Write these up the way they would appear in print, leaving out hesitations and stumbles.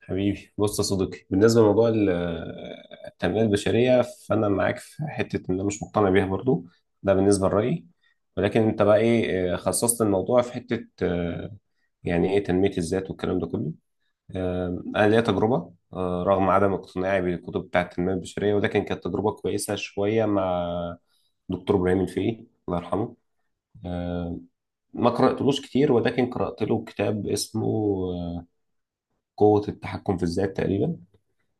حبيبي، بص يا صديقي. بالنسبه لموضوع التنميه البشريه، فانا معاك في حته ان انا مش مقتنع بيها برضو. ده بالنسبه لرايي. ولكن انت بقى ايه، خصصت الموضوع في حته، يعني ايه تنميه الذات والكلام ده كله. آه، انا ليا تجربه، رغم عدم اقتناعي بالكتب بتاعه التنميه البشريه، ولكن كانت تجربه كويسه شويه مع دكتور ابراهيم الفقي، الله يرحمه. آه، ما قراتلوش كتير، ولكن قرات له كتاب اسمه، آه، قوه التحكم في الذات تقريبا.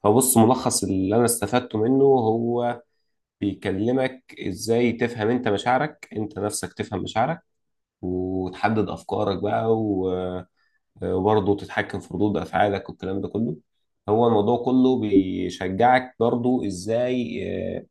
فبص، ملخص اللي انا استفدته منه هو بيكلمك ازاي تفهم انت مشاعرك، انت نفسك تفهم مشاعرك، وتحدد افكارك بقى وبرضه تتحكم في ردود افعالك والكلام ده كله. هو الموضوع كله بيشجعك برضه ازاي، آه،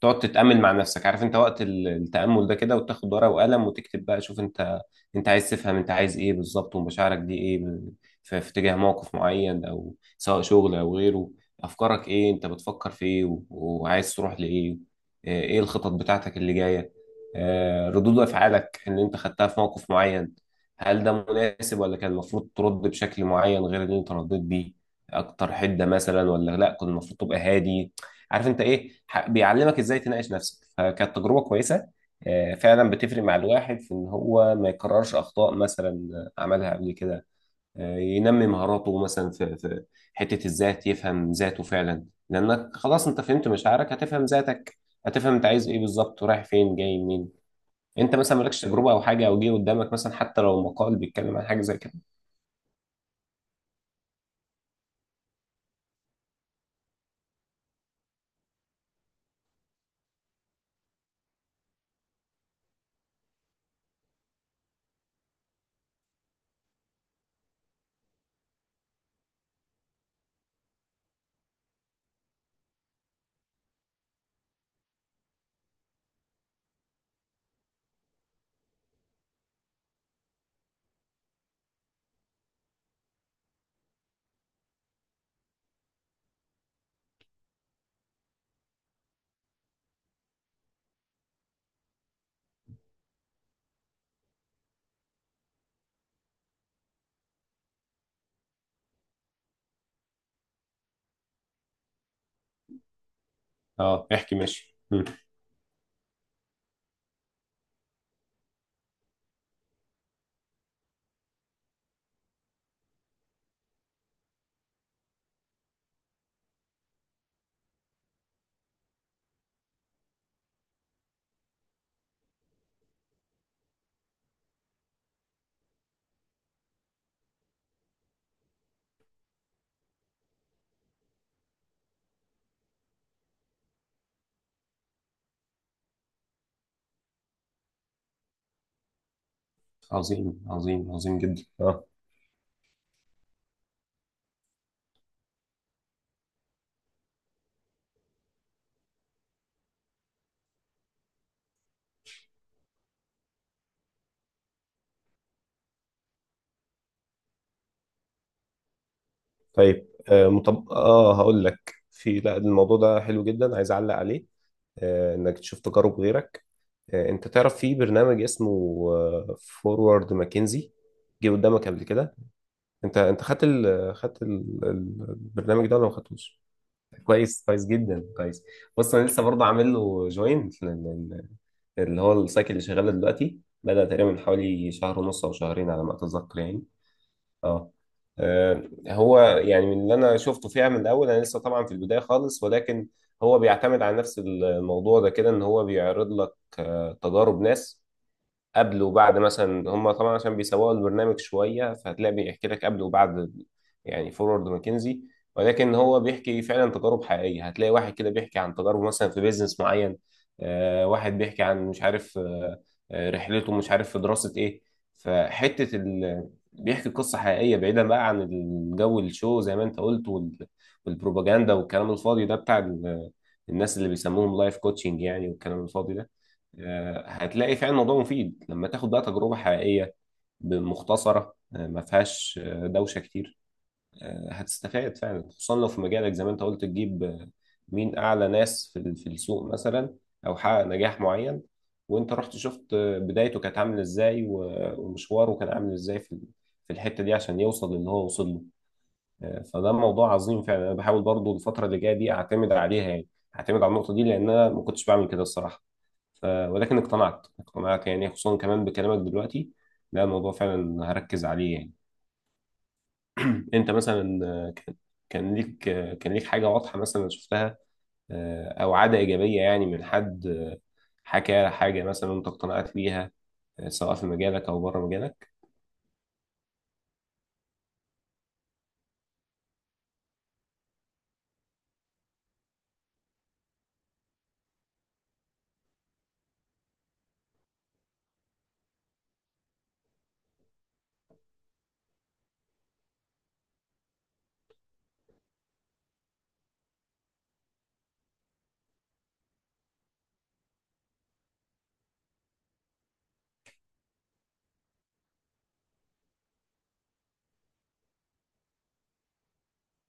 تقعد تتأمل مع نفسك. عارف انت وقت التأمل ده كده، وتاخد ورقة وقلم وتكتب بقى، شوف انت انت عايز تفهم انت عايز ايه بالظبط، ومشاعرك دي ايه في اتجاه موقف معين، او سواء شغل او غيره. افكارك ايه، انت بتفكر في ايه وعايز تروح لايه. اه، ايه الخطط بتاعتك اللي جاية. اه، ردود افعالك اللي انت خدتها في موقف معين، هل ده مناسب، ولا كان المفروض ترد بشكل معين غير اللي انت رديت بيه، اكتر حدة مثلا، ولا لا كنت المفروض تبقى هادي. عارف انت ايه، بيعلمك ازاي تناقش نفسك. فكانت تجربه كويسه. فعلا بتفرق مع الواحد في ان هو ما يكررش اخطاء مثلا، عملها قبل كده. ينمي مهاراته مثلا في حته الذات، يفهم ذاته فعلا، لانك خلاص انت فهمت مشاعرك، هتفهم ذاتك، هتفهم انت عايز ايه بالظبط، ورايح فين جاي منين. انت مثلا مالكش تجربه او حاجه، او جه قدامك مثلا حتى لو مقال بيتكلم عن حاجه زي كده. اه، احكي ماشي. مم. عظيم، عظيم، عظيم جدا. اه. طيب، اه هقول لك. في، لا، الموضوع ده حلو جدا، عايز اعلق عليه. آه، انك تشوف تجارب غيرك. آه، انت تعرف في برنامج اسمه فورورد ماكنزي؟ جه قدامك قبل كده؟ انت البرنامج ده ولا ما خدتوش؟ كويس، كويس جدا، كويس. بص، انا لسه برضه عامل له جوين. اللي هو السايكل اللي شغال دلوقتي بدأ تقريبا من حوالي شهر ونص او شهرين على ما اتذكر يعني. اه. آه، هو يعني من اللي انا شفته فيها من الاول، انا لسه طبعا في البدايه خالص، ولكن هو بيعتمد على نفس الموضوع ده كده، ان هو بيعرض لك تجارب ناس قبل وبعد مثلا. هم طبعا عشان بيسوقوا البرنامج شويه، فهتلاقي بيحكي لك قبل وبعد يعني فورورد ماكنزي، ولكن هو بيحكي فعلا تجارب حقيقيه. هتلاقي واحد كده بيحكي عن تجاربه مثلا في بيزنس معين، واحد بيحكي عن مش عارف، رحلته مش عارف في دراسه ايه. بيحكي قصه حقيقيه، بعيدا بقى عن الجو الشو زي ما انت قلت والبروباجندا والكلام الفاضي ده بتاع الناس اللي بيسموهم لايف كوتشنج يعني، والكلام الفاضي ده. هتلاقي فعلا الموضوع مفيد لما تاخد بقى تجربة حقيقية مختصرة، ما فيهاش دوشة كتير. هتستفاد فعلا، خصوصا لو في مجالك زي ما انت قلت، تجيب آه، مين أعلى ناس في في السوق مثلا، أو حقق نجاح معين، وانت رحت شفت آه، بدايته كانت عاملة ازاي ومشواره كان عامل ازاي في في الحتة دي عشان يوصل اللي هو وصل له. فده موضوع عظيم فعلا. انا بحاول برضو الفتره اللي جايه دي اعتمد عليها يعني، اعتمد على النقطه دي، لان انا ما كنتش بعمل كده الصراحه. ولكن اقتنعت، اقتنعت يعني، خصوصا كمان بكلامك دلوقتي. لا، الموضوع فعلا هركز عليه يعني. انت مثلا، كان كان ليك آه، كان ليك حاجه واضحه مثلا شفتها، او عاده ايجابيه يعني، من حد حكى حاجه مثلا انت اقتنعت بيها، سواء في مجالك او بره مجالك؟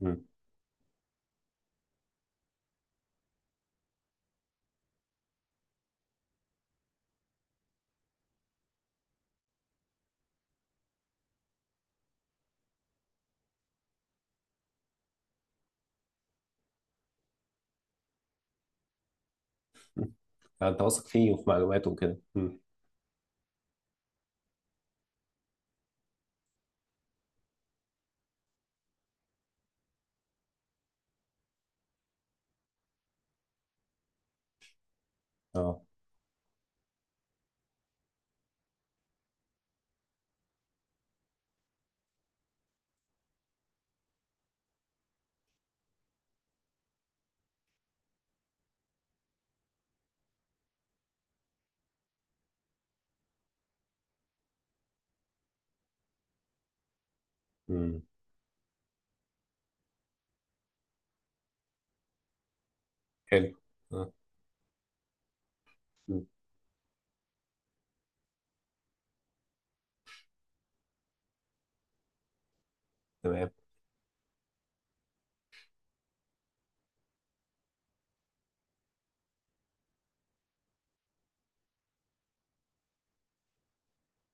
مم. فانت واثق فيه وفي معلوماته وكده. مم. اه. مم. حلو. اه. مم. تمام.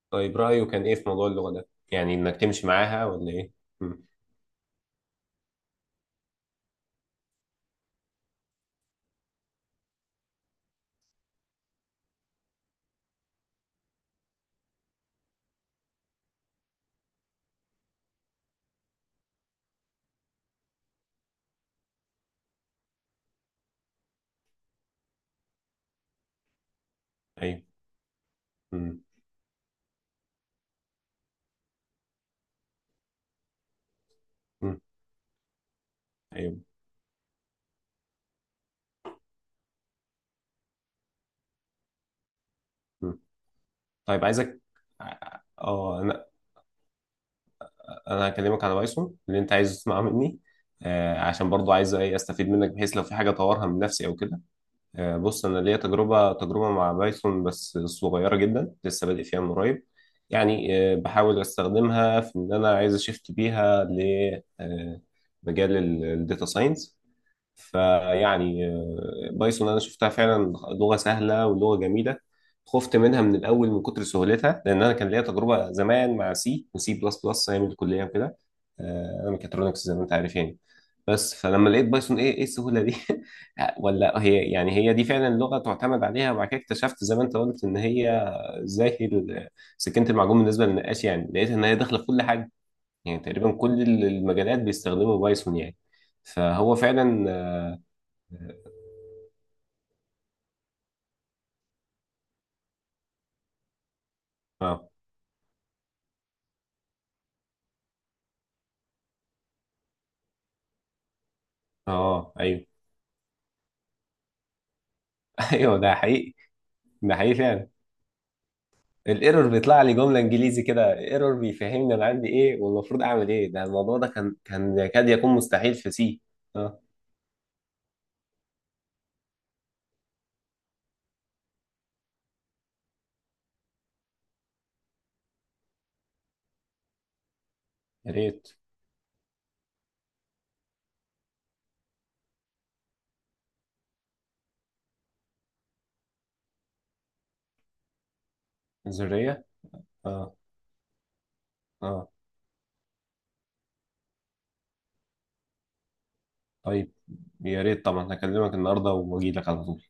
طيب، رأيه كان إيه في موضوع اللغة ده؟ يعني إنك تمشي معاها ولا إيه؟ مم. أيوه. مم. مم. أيوه. مم. طيب، عايزك آه. أنا، أنا هكلمك على بايثون اللي أنت عايز تسمعه مني. آه، عشان برضو عايز إيه، أستفيد منك بحيث لو في حاجة أطورها من نفسي أو كده. آه، بص، أنا ليا تجربة مع بايثون، بس صغيرة جدا، لسه بادئ فيها من قريب يعني. آه، بحاول أستخدمها في إن أنا عايز أشفت بيها ل، آه، مجال الداتا ساينس. فيعني بايثون انا شفتها فعلا لغه سهله ولغه جميله. خفت منها من الاول من كتر سهولتها، لان انا كان ليا تجربه زمان مع سي وسي بلس بلس ايام الكليه وكده. انا ميكاترونكس زي ما انت عارف يعني. بس فلما لقيت بايثون، ايه السهوله دي؟ ولا هي يعني، هي دي فعلا لغه تعتمد عليها. وبعد كده اكتشفت زي ما انت قلت ان هي زي سكينه المعجون بالنسبه للنقاش. يعني لقيت ان هي داخله في كل حاجه، يعني تقريبا كل المجالات بيستخدموا بايثون يعني. فهو فعلا. اه. اه، ايوه. ايوه، ده حقيقي. ده حقيقي فعلا. الايرور بيطلع لي جمله انجليزي كده، ايرور بيفهمني انا عندي ايه والمفروض اعمل ايه. ده الموضوع ده كان يكاد يكون مستحيل في سي. اه. يا ريت. ذريه. اه. اه. طيب، يا ريت طبعا. هكلمك النهارده واجي لك على طول.